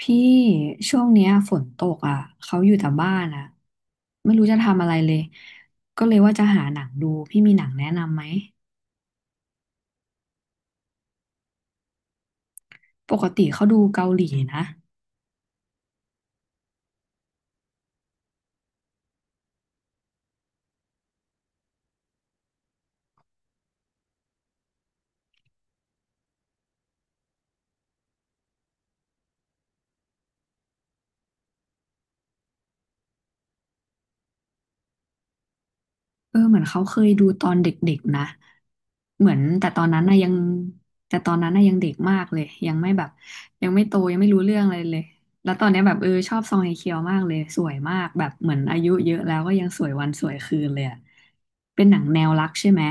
พี่ช่วงเนี้ยฝนตกอ่ะเขาอยู่แต่บ้านอ่ะไม่รู้จะทำอะไรเลยก็เลยว่าจะหาหนังดูพี่มีหนังแนะนำไหมปกติเขาดูเกาหลีนะเออเหมือนเขาเคยดูตอนเด็กๆนะเหมือนแต่ตอนนั้นนะยังเด็กมากเลยยังไม่แบบยังไม่โตยังไม่รู้เรื่องอะไรเลยแล้วตอนเนี้ยแบบเออชอบซองเฮเคียวมากเลยสวยมากแบบเหมือนอายุเยอะแล้วก็ยังสวยวันสวยคืนเลยอะเป็นหนังแนวรักใช่ไหม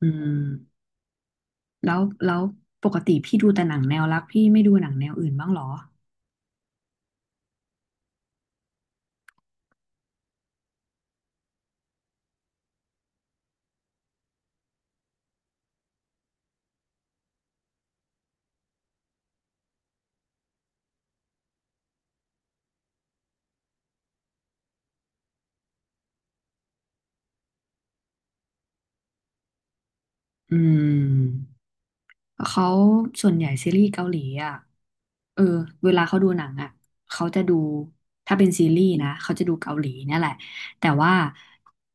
อืม แล้วแล้วปกติพี่ดูแต่หนังแนวรักพี่ไม่ดูหนังแนวอื่นบ้างเหรออืมเขาส่วนใหญ่ซีรีส์เกาหลีอ่ะเออเวลาเขาดูหนังอ่ะเขาจะดูถ้าเป็นซีรีส์นะเขาจะดูเกาหลีเนี่ยแหละแต่ว่า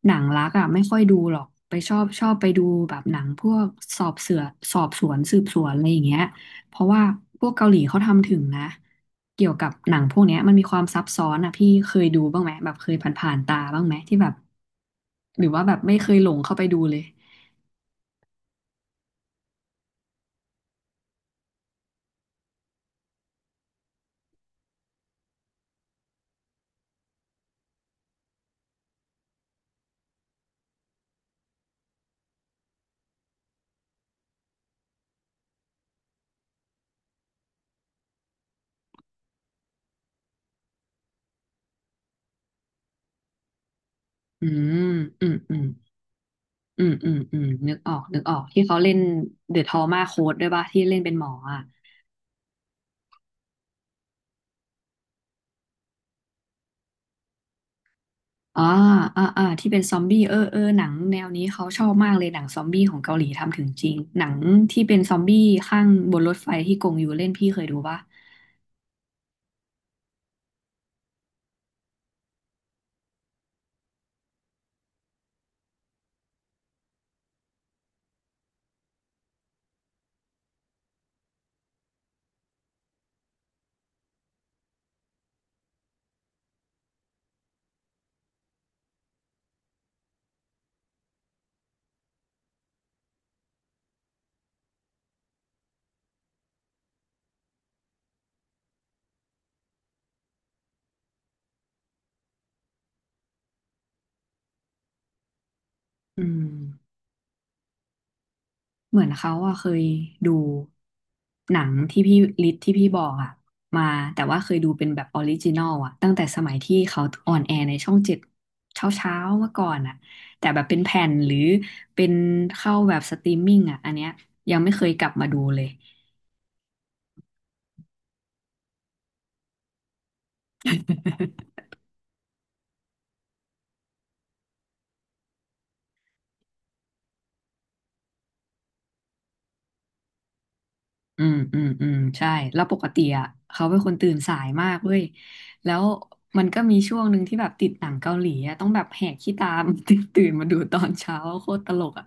หนังรักอ่ะไม่ค่อยดูหรอกไปชอบไปดูแบบหนังพวกสอบเสือสอบสวนสืบสวนอะไรอย่างเงี้ยเพราะว่าพวกเกาหลีเขาทำถึงนะเกี่ยวกับหนังพวกเนี้ยมันมีความซับซ้อนอ่ะพี่เคยดูบ้างไหมแบบเคยผ่านๆตาบ้างไหมที่แบบ หรือว่าแบบไม่เคยหลงเข้าไปดูเลยอืมอืมอืมอืมอืมอืมนึกออกนึกออก ที่เขาเล่นเดอะทอมาโค้ดด้วยป่ะที่เล่นเป็นหมออ่ะอ่าอ่าที่เป็นซอมบี้เออเออหนังแนวนี้เขาชอบมากเลยหนังซอมบี้ของเกาหลีทำถึงจริง หนังที่เป็นซอมบี้ข้างบนรถไฟที่กงอยู่เล่นพี่เคยดูป่ะ อืม เหมือนเขาอะเคยดูหนังที่พี่ลิทที่พี่บอกอะมาแต่ว่าเคยดูเป็นแบบออริจินอลอะตั้งแต่สมัยที่เขาออนแอร์ในช่องเจ็ดเช้าเช้าเมื่อก่อนอะแต่แบบเป็นแผ่นหรือเป็นเข้าแบบสตรีมมิ่งอะอันเนี้ยยังไม่เคยกลับมาดูเลยอืมอืมอืมใช่แล้วปกติอ่ะเขาเป็นคนตื่นสายมากเว้ยแล้วมันก็มีช่วงหนึ่งที่แบบติดหนังเกาหลีอ่ะต้องแบบแหกขี้ตาม ตื่นมาดูตอนเช้าโคตรตลกอ่ะ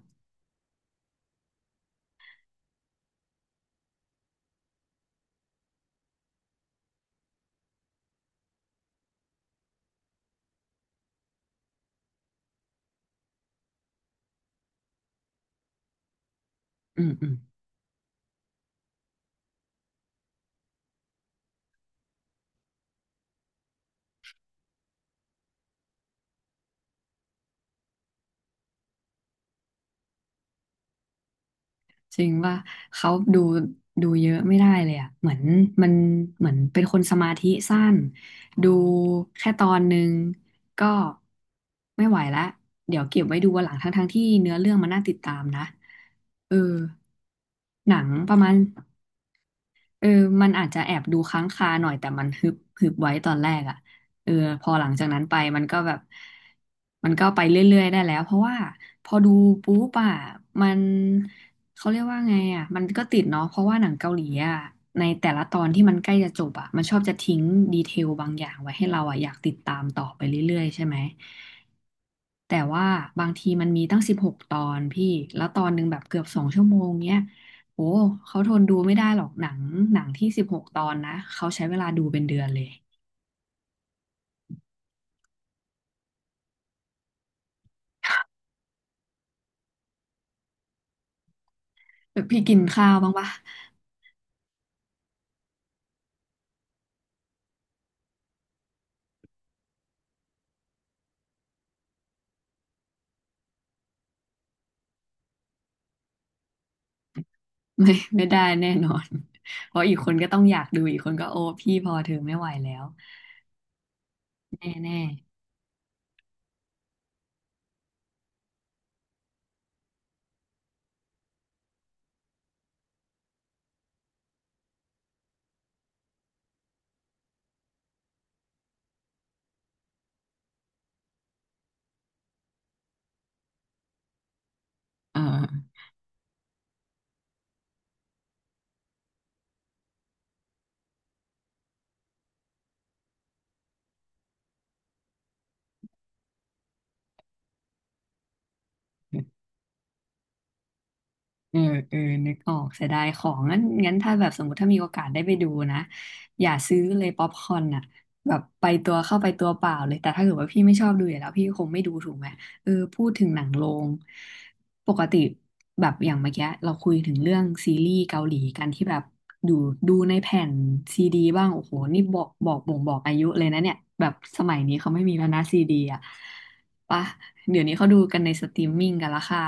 อืมอืม จริงว่าเขาดูเยอะไม่ได้เลยอ่ะเหมือนมันเหมือนเป็นคนสมาธิสั้นดูแค่ตอนหนึ่งก็ไม่ไหวละเดี๋ยวเก็บไว้ดูวันหลังทั้งๆที่เนื้อเรื่องมันน่าติดตามนะเออหนังประมาณ เออมันอาจจะแอบดูค้างคาหน่อยแต่มันฮึบฮึบไว้ตอนแรกอ่ะเออพอหลังจากนั้นไปมันก็แบบมันก็ไปเรื่อยๆได้แล้วเพราะว่าพอดูปุ๊บอ่ะมันเขาเรียกว่าไงอ่ะมันก็ติดเนาะเพราะว่าหนังเกาหลีอ่ะในแต่ละตอนที่มันใกล้จะจบอ่ะมันชอบจะทิ้งดีเทลบางอย่างไว้ให้เราอ่ะอยากติดตามต่อไปเรื่อยๆใช่ไหมแต่ว่าบางทีมันมีตั้งสิบหกตอนพี่แล้วตอนหนึ่งแบบเกือบสองชั่วโมงเนี้ย โอ้ เขาทนดูไม่ได้หรอกหนังที่สิบหกตอนนะเขาใช้เวลาดูเป็นเดือนเลยแบบพี่กินข้าวบ้างปะ ไม่ไม่ได้แน่นอน เพราะอีกคนก็ต้องอยากดูอีกคนก็โอ้พี่พอเธอไม่ไหวแล้วแน่แน่เออ เออเออนึกออกเสียดายของงั้นงั้นถ้าแบบสมมติถ้ามีโอกาสได้ไปดูนะอย่าซื้อเลยป๊อปคอร์นอ่ะแบบไปตัวเข้าไปตัวเปล่าเลยแต่ถ้าเกิดว่าพี่ไม่ชอบดูอยู่แล้วพี่คงไม่ดูถูกไหมเออพูดถึงหนังโรงปกติแบบอย่างเมื่อกี้เราคุยถึงเรื่องซีรีส์เกาหลีกันที่แบบดูดูในแผ่นซีดีบ้างโอ้โหนี่บอกบอกบ่งบอกอายุเลยนะเนี่ยแบบสมัยนี้เขาไม่มีแล้วนะซีดีอ่ะปะเดี๋ยวนี้เขาดูกันในสตรีมมิ่งกันละค่ะ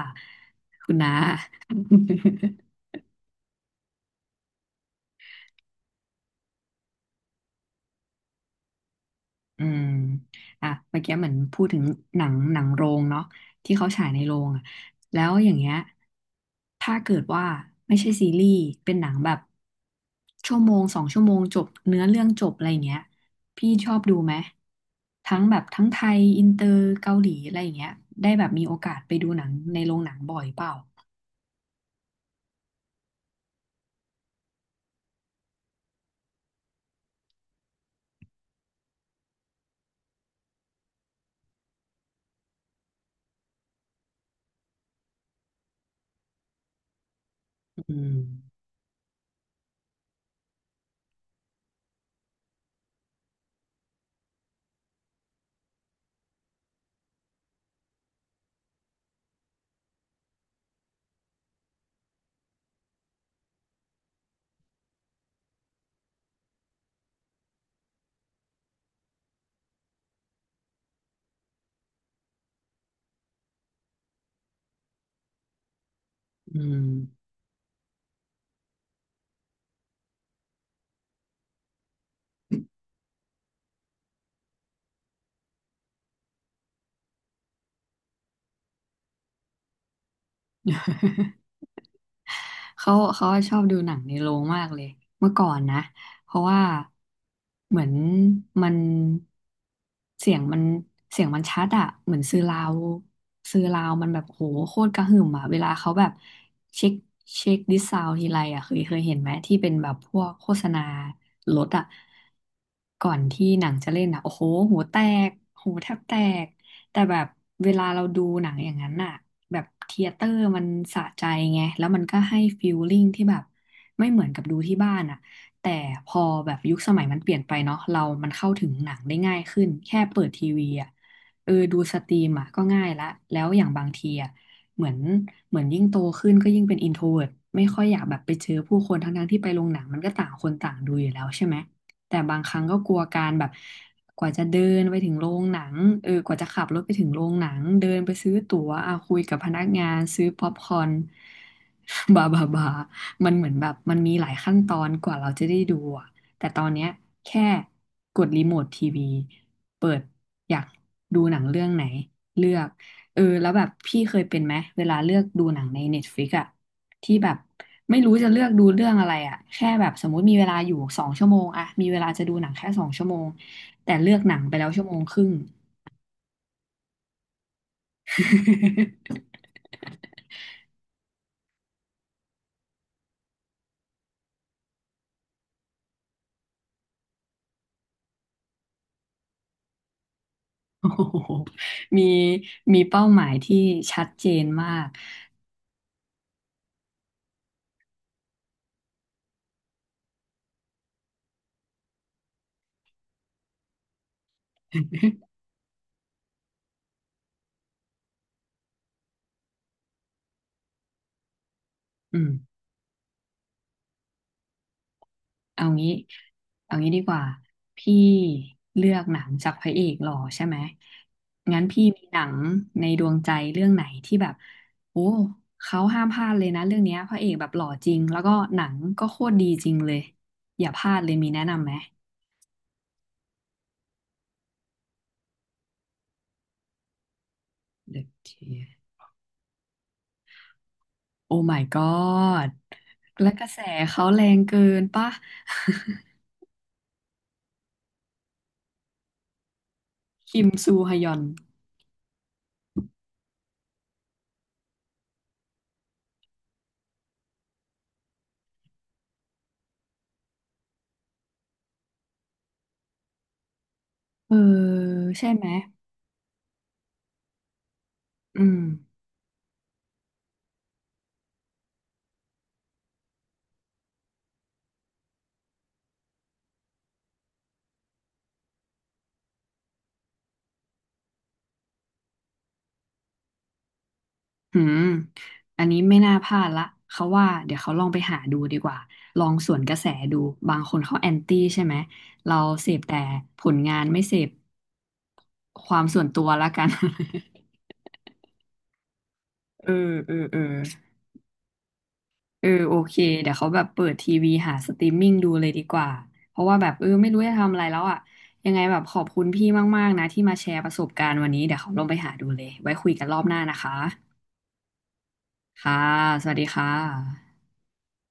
คุณน้า อืมอ่ะเมื่อกี้เหมือนพูดถึงหนังโรงเนาะที่เขาฉายในโรงอ่ะแล้วอย่างเงี้ยถ้าเกิดว่าไม่ใช่ซีรีส์เป็นหนังแบบชั่วโมงสองชั่วโมงจบเนื้อเรื่องจบอะไรเงี้ยพี่ชอบดูไหมทั้งแบบทั้งไทยอินเตอร์เกาหลีอะไรเงี้ยได้แบบมีโอกาสไปดูหนังในโรงหนังบ่อยเปล่าอืมอืม เขาชอบดูหนังในโรงมากเลยเมื่อก่อนนะเพราะว่าเหมือนมันเสียงมันเสียงมันชัดอะเหมือนซื้อราวมันแบบโหโคตรกระหึ่มอะเวลาเขาแบบเช็คเช็คดิสซาวทีไรอะเคยเห็นไหมที่เป็นแบบพวกโฆษณารถอะก่อนที่หนังจะเล่นอะโอ้โหหูแตกหูแทบแตก แต่แบบเวลาเราดูหนังอย่างนั้นน่ะแบบเธียเตอร์มันสะใจไงแล้วมันก็ให้ฟีลลิ่งที่แบบไม่เหมือนกับดูที่บ้านอ่ะแต่พอแบบยุคสมัยมันเปลี่ยนไปเนาะเรามันเข้าถึงหนังได้ง่ายขึ้นแค่เปิดทีวีอ่ะเออดูสตรีมอ่ะก็ง่ายละแล้วอย่างบางทีอ่ะเหมือนเหมือนยิ่งโตขึ้นก็ยิ่งเป็นอินโทรเวิร์ตไม่ค่อยอยากแบบไปเจอผู้คนทั้งๆที่ไปโรงหนังมันก็ต่างคนต่างดูอยู่แล้วใช่ไหมแต่บางครั้งก็กลัวการแบบ กว่าจะเดินไปถึงโรงหนังเออกว่าจะขับรถไปถึงโรงหนัง เดินไปซื้อตั๋วอ่ะคุยกับพนักงานซื้อป๊อปคอร์น บาบาบามันเหมือนแบบมันมีหลายขั้นตอนกว่าเราจะได้ดูอะแต่ตอนเนี้ยแค่กดรีโมททีวี เปิดอยากดูหนังเรื่องไหน เลือกเออแล้วแบบพี่เคยเป็นไหม เวลาเลือกดูหนังใน Netflix อะ ที่แบบไม่รู้จะเลือกดูเรื่องอะไรอะแค่แบบสมมุติมีเวลาอยู่สองชั่วโมงอะมีเวลาจะดูหนังแค่สองชั่วโมงแต่เลือกหนังไปแล้วชั่วโมงครึ่ง โอ้โหมีมีเป้าหมายที่ชัดเจนมากอืม เอางี้เอางี้ดีกว่าพี่เลือกหนังจากพระเอกหล่อใช่ไหมงั้นพี่มีหนังในดวงใจเรื่องไหนที่แบบโอ้เขาห้ามพลาดเลยนะเรื่องเนี้ยพระเอกแบบหล่อจริงแล้วก็หนังก็โคตรดีจริงเลยอย่าพลาดเลยมีแนะนำไหมเดอะเทียร์โอ้ my god และกระแสเขาแรงเกินป่ะ คิมซูฮยอน เออใช่ไหมอืม อืมอันนี้ไม่น่าพลาดละเขาว่าเดี๋ยวเขาลองไปหาดูดีกว่าลองสวนกระแสดูบางคนเขาแอนตี้ใช่ไหมเราเสพแต่ผลงานไม่เสพความส่วนตัวละกัน เออเออเออเออโอเคเดี๋ยวเขาแบบเปิดทีวีหาสตรีมมิ่งดูเลยดีกว่า เพราะว่าแบบเออไม่รู้จะทำอะไรแล้วอ่ะยังไงแบบขอบคุณพี่มากๆนะที่มาแชร์ประสบการณ์วันนี้เดี๋ยวเขาลองไปหาดูเลยไว้คุยกันรอบหน้านะคะค่ะสวัสดีค่ะ